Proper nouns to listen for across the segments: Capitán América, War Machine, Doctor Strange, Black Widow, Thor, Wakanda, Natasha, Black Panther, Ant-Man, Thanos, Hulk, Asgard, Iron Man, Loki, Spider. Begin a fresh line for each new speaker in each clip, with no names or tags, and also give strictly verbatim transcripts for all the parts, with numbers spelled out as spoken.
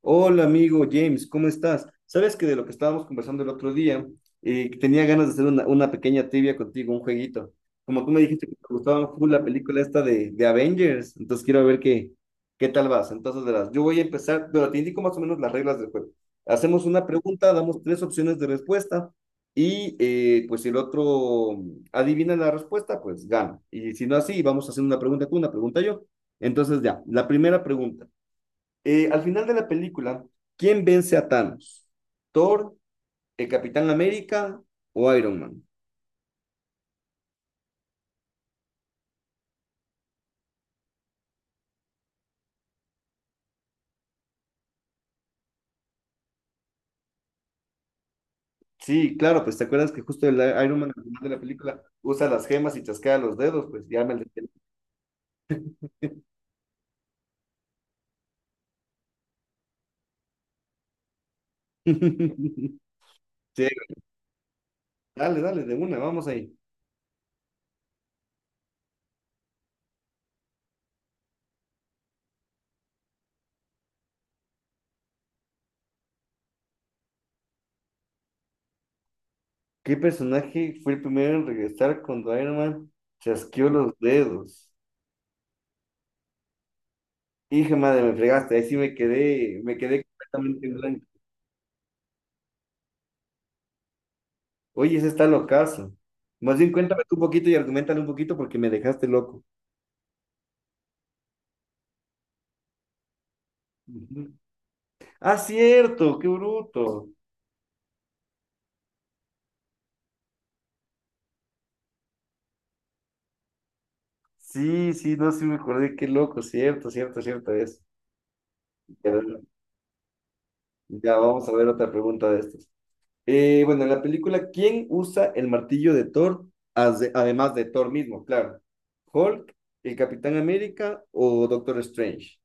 Hola amigo James, ¿cómo estás? Sabes que de lo que estábamos conversando el otro día, eh, tenía ganas de hacer una, una pequeña trivia contigo, un jueguito. Como tú me dijiste que te gustaba full la película esta de, de Avengers, entonces quiero ver qué, qué tal vas. Entonces verás, yo voy a empezar, pero te indico más o menos las reglas del juego. Hacemos una pregunta, damos tres opciones de respuesta y eh, pues si el otro adivina la respuesta, pues gana. Y si no así, vamos haciendo una pregunta tú, una pregunta yo. Entonces ya, la primera pregunta. Eh, al final de la película, ¿quién vence a Thanos? ¿Thor, el Capitán América o Iron Man? Sí, claro, pues te acuerdas que justo el Iron Man al final de la película usa las gemas y chasquea los dedos, pues ya me el- Sí, dale, dale, de una, vamos ahí. ¿Qué personaje fue el primero en regresar cuando Iron Man chasqueó los dedos? Hija madre, me fregaste, ahí sí me quedé, me quedé completamente en blanco. Oye, ese está locazo. Más bien cuéntame tú un poquito y argumentale un poquito porque me dejaste loco. Ujú. Ah, cierto, qué bruto. Sí, sí, no, sí me acordé, qué loco, cierto, cierto, cierto es. Ya, ya vamos a ver otra pregunta de estas. Eh, bueno, en la película, ¿quién usa el martillo de Thor? Ade- Además de Thor mismo, claro. ¿Hulk, el Capitán América o Doctor Strange?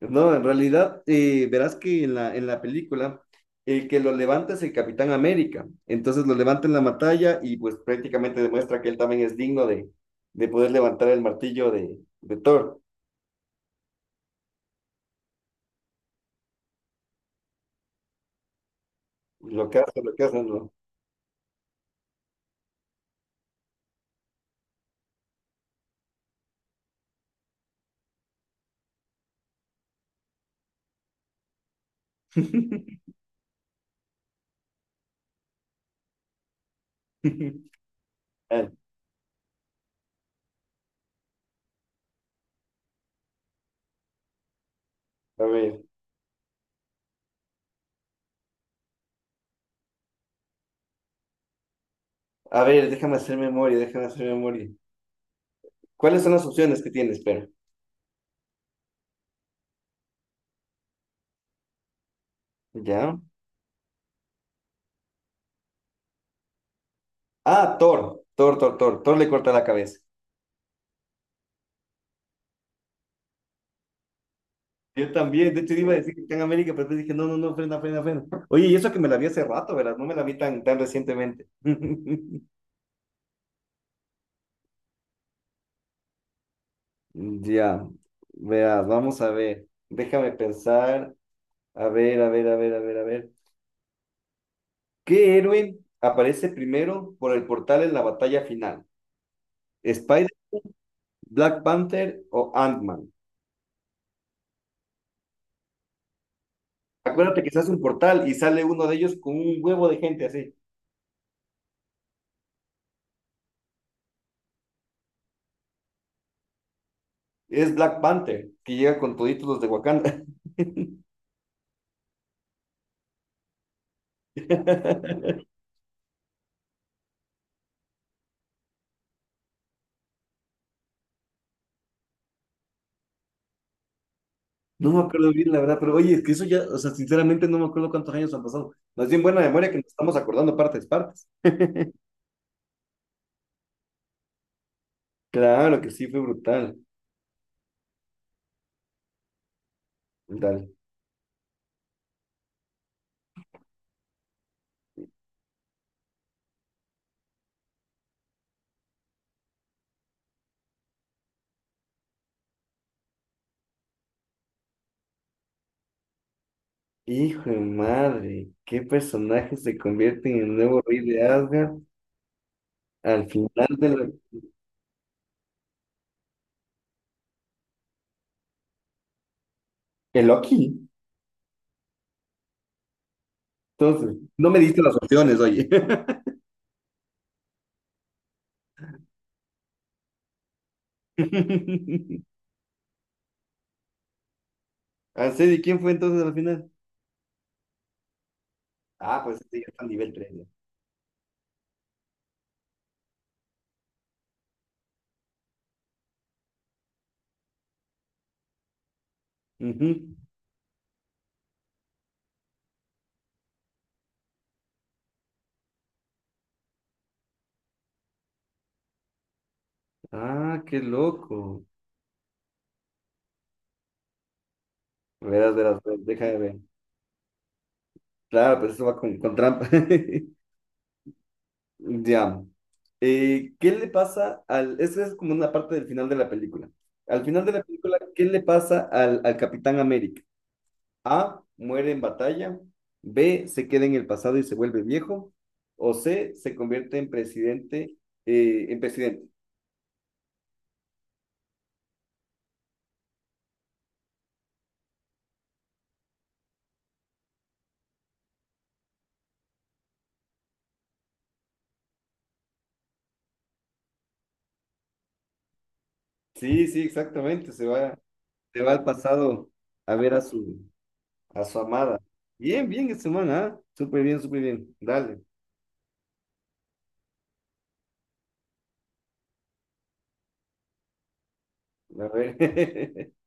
No, en realidad, eh, verás que en la, en la película, el que lo levanta es el Capitán América. Entonces lo levanta en la batalla y pues prácticamente demuestra que él también es digno de, de poder levantar el martillo de, de Thor. Lo que hace, lo que hace, ¿no? Ay, a ver, a ver, déjame hacer memoria, déjame hacer memoria. ¿Cuáles son las opciones que tienes? Espera. ¿Ya? Ah, Thor, Thor, Thor, Thor. Thor le corta la cabeza. Yo también, de hecho iba a decir que está en América, pero después dije, no, no, no, frena, frena, frena. Oye, y eso que me la vi hace rato, ¿verdad? No me la vi tan, tan recientemente. Ya, veas, vamos a ver. Déjame pensar. A ver, a ver, a ver, a ver, a ver. ¿Qué héroe aparece primero por el portal en la batalla final? ¿Spider, Black Panther o Ant-Man? Acuérdate que se hace un portal y sale uno de ellos con un huevo de gente así. Es Black Panther, que llega con toditos los de Wakanda. No me acuerdo bien, la verdad, pero oye, es que eso ya, o sea, sinceramente no me acuerdo cuántos años han pasado. Más bien buena memoria que nos estamos acordando partes, partes. Claro que sí, fue brutal, brutal. Hijo de madre, ¿qué personaje se convierte en el nuevo rey de Asgard al final del... ¿El Loki? Entonces, no me diste las opciones, oye. Así, ¿y quién fue entonces al final? Ah, pues este ya está a nivel tres. Ujú. Ah, qué loco. Verás, verás, verás, déjame ver. Claro, pero eso va con, con trampa. Ya. Eh, ¿qué le pasa al... Esa es como una parte del final de la película. Al final de la película, ¿qué le pasa al, al Capitán América? A, muere en batalla. B, se queda en el pasado y se vuelve viejo. O C, se convierte en presidente. Eh, en presidente. Sí, sí, exactamente. Se va, se va al pasado a ver a su, a su amada. Bien, bien, esta semana, ¿ah? Súper bien, súper bien. Dale. A ver.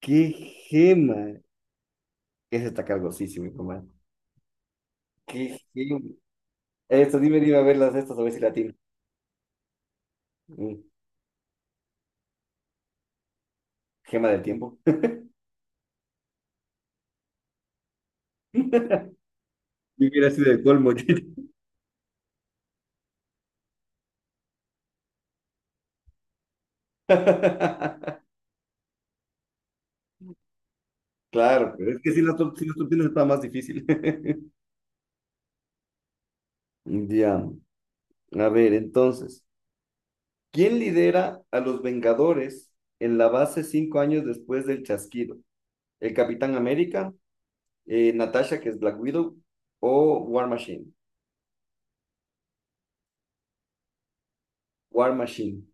¡Qué gema! Ese está cargosísimo, hijo, man. ¡Qué gema! Eso, dime, dime a ver las estas, a ver si la tiene. Mm, gema del tiempo. Yo hubiera sido el colmo. Claro, pero es que sin las, tor- sin las tortillas está más difícil. Ya, a ver, entonces, ¿quién lidera a los Vengadores en la base cinco años después del chasquido? ¿El Capitán América, eh, Natasha, que es Black Widow, o War Machine? War Machine.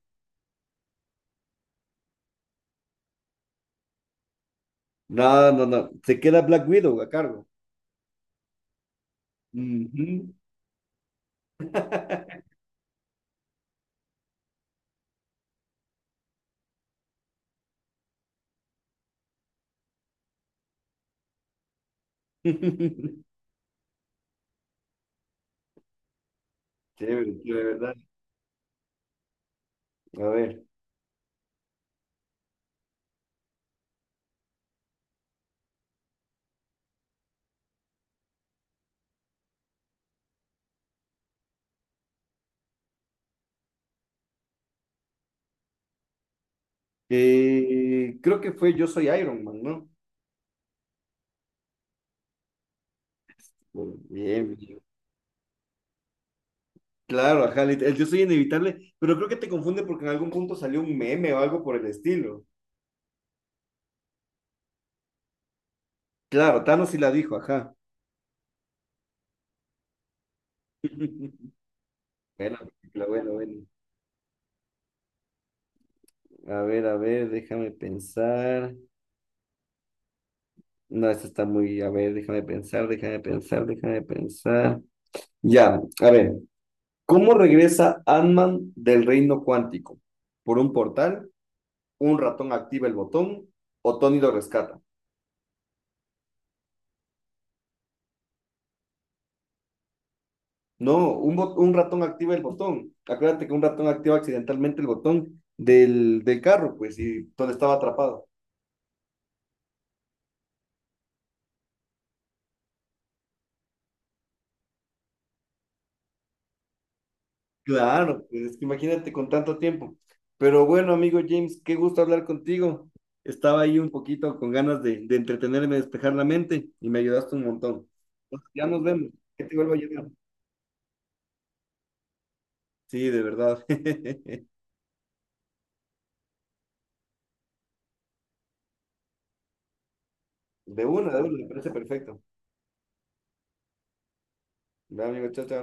No, no, no, se queda Black Widow a cargo. Ujú. Chévere, chévere, ¿verdad? A ver, eh, creo que fue Yo soy Iron Man, ¿no? Bueno, bien, bien. Claro, ajá, lit- el Yo soy inevitable, pero creo que te confunde porque en algún punto salió un meme o algo por el estilo. Claro, Thanos sí la dijo, ajá. Bueno, película, bueno, bueno. A ver, a ver, déjame pensar. No, esta está muy, a ver, déjame pensar, déjame pensar, déjame pensar. Ya, a ver. ¿Cómo regresa Ant-Man del reino cuántico? ¿Por un portal? ¿Un ratón activa el botón? ¿O Tony lo rescata? No, un, bot- un ratón activa el botón. Acuérdate que un ratón activa accidentalmente el botón del, del carro, pues, y Tony estaba atrapado. Claro, pues, es que imagínate con tanto tiempo. Pero bueno, amigo James, qué gusto hablar contigo. Estaba ahí un poquito con ganas de, de entretenerme, despejar la mente, y me ayudaste un montón. Pues, ya nos vemos. Que te vuelva a ayudar. Sí, de verdad. De una, de una, me parece perfecto. Ya, amigo, chao, chao.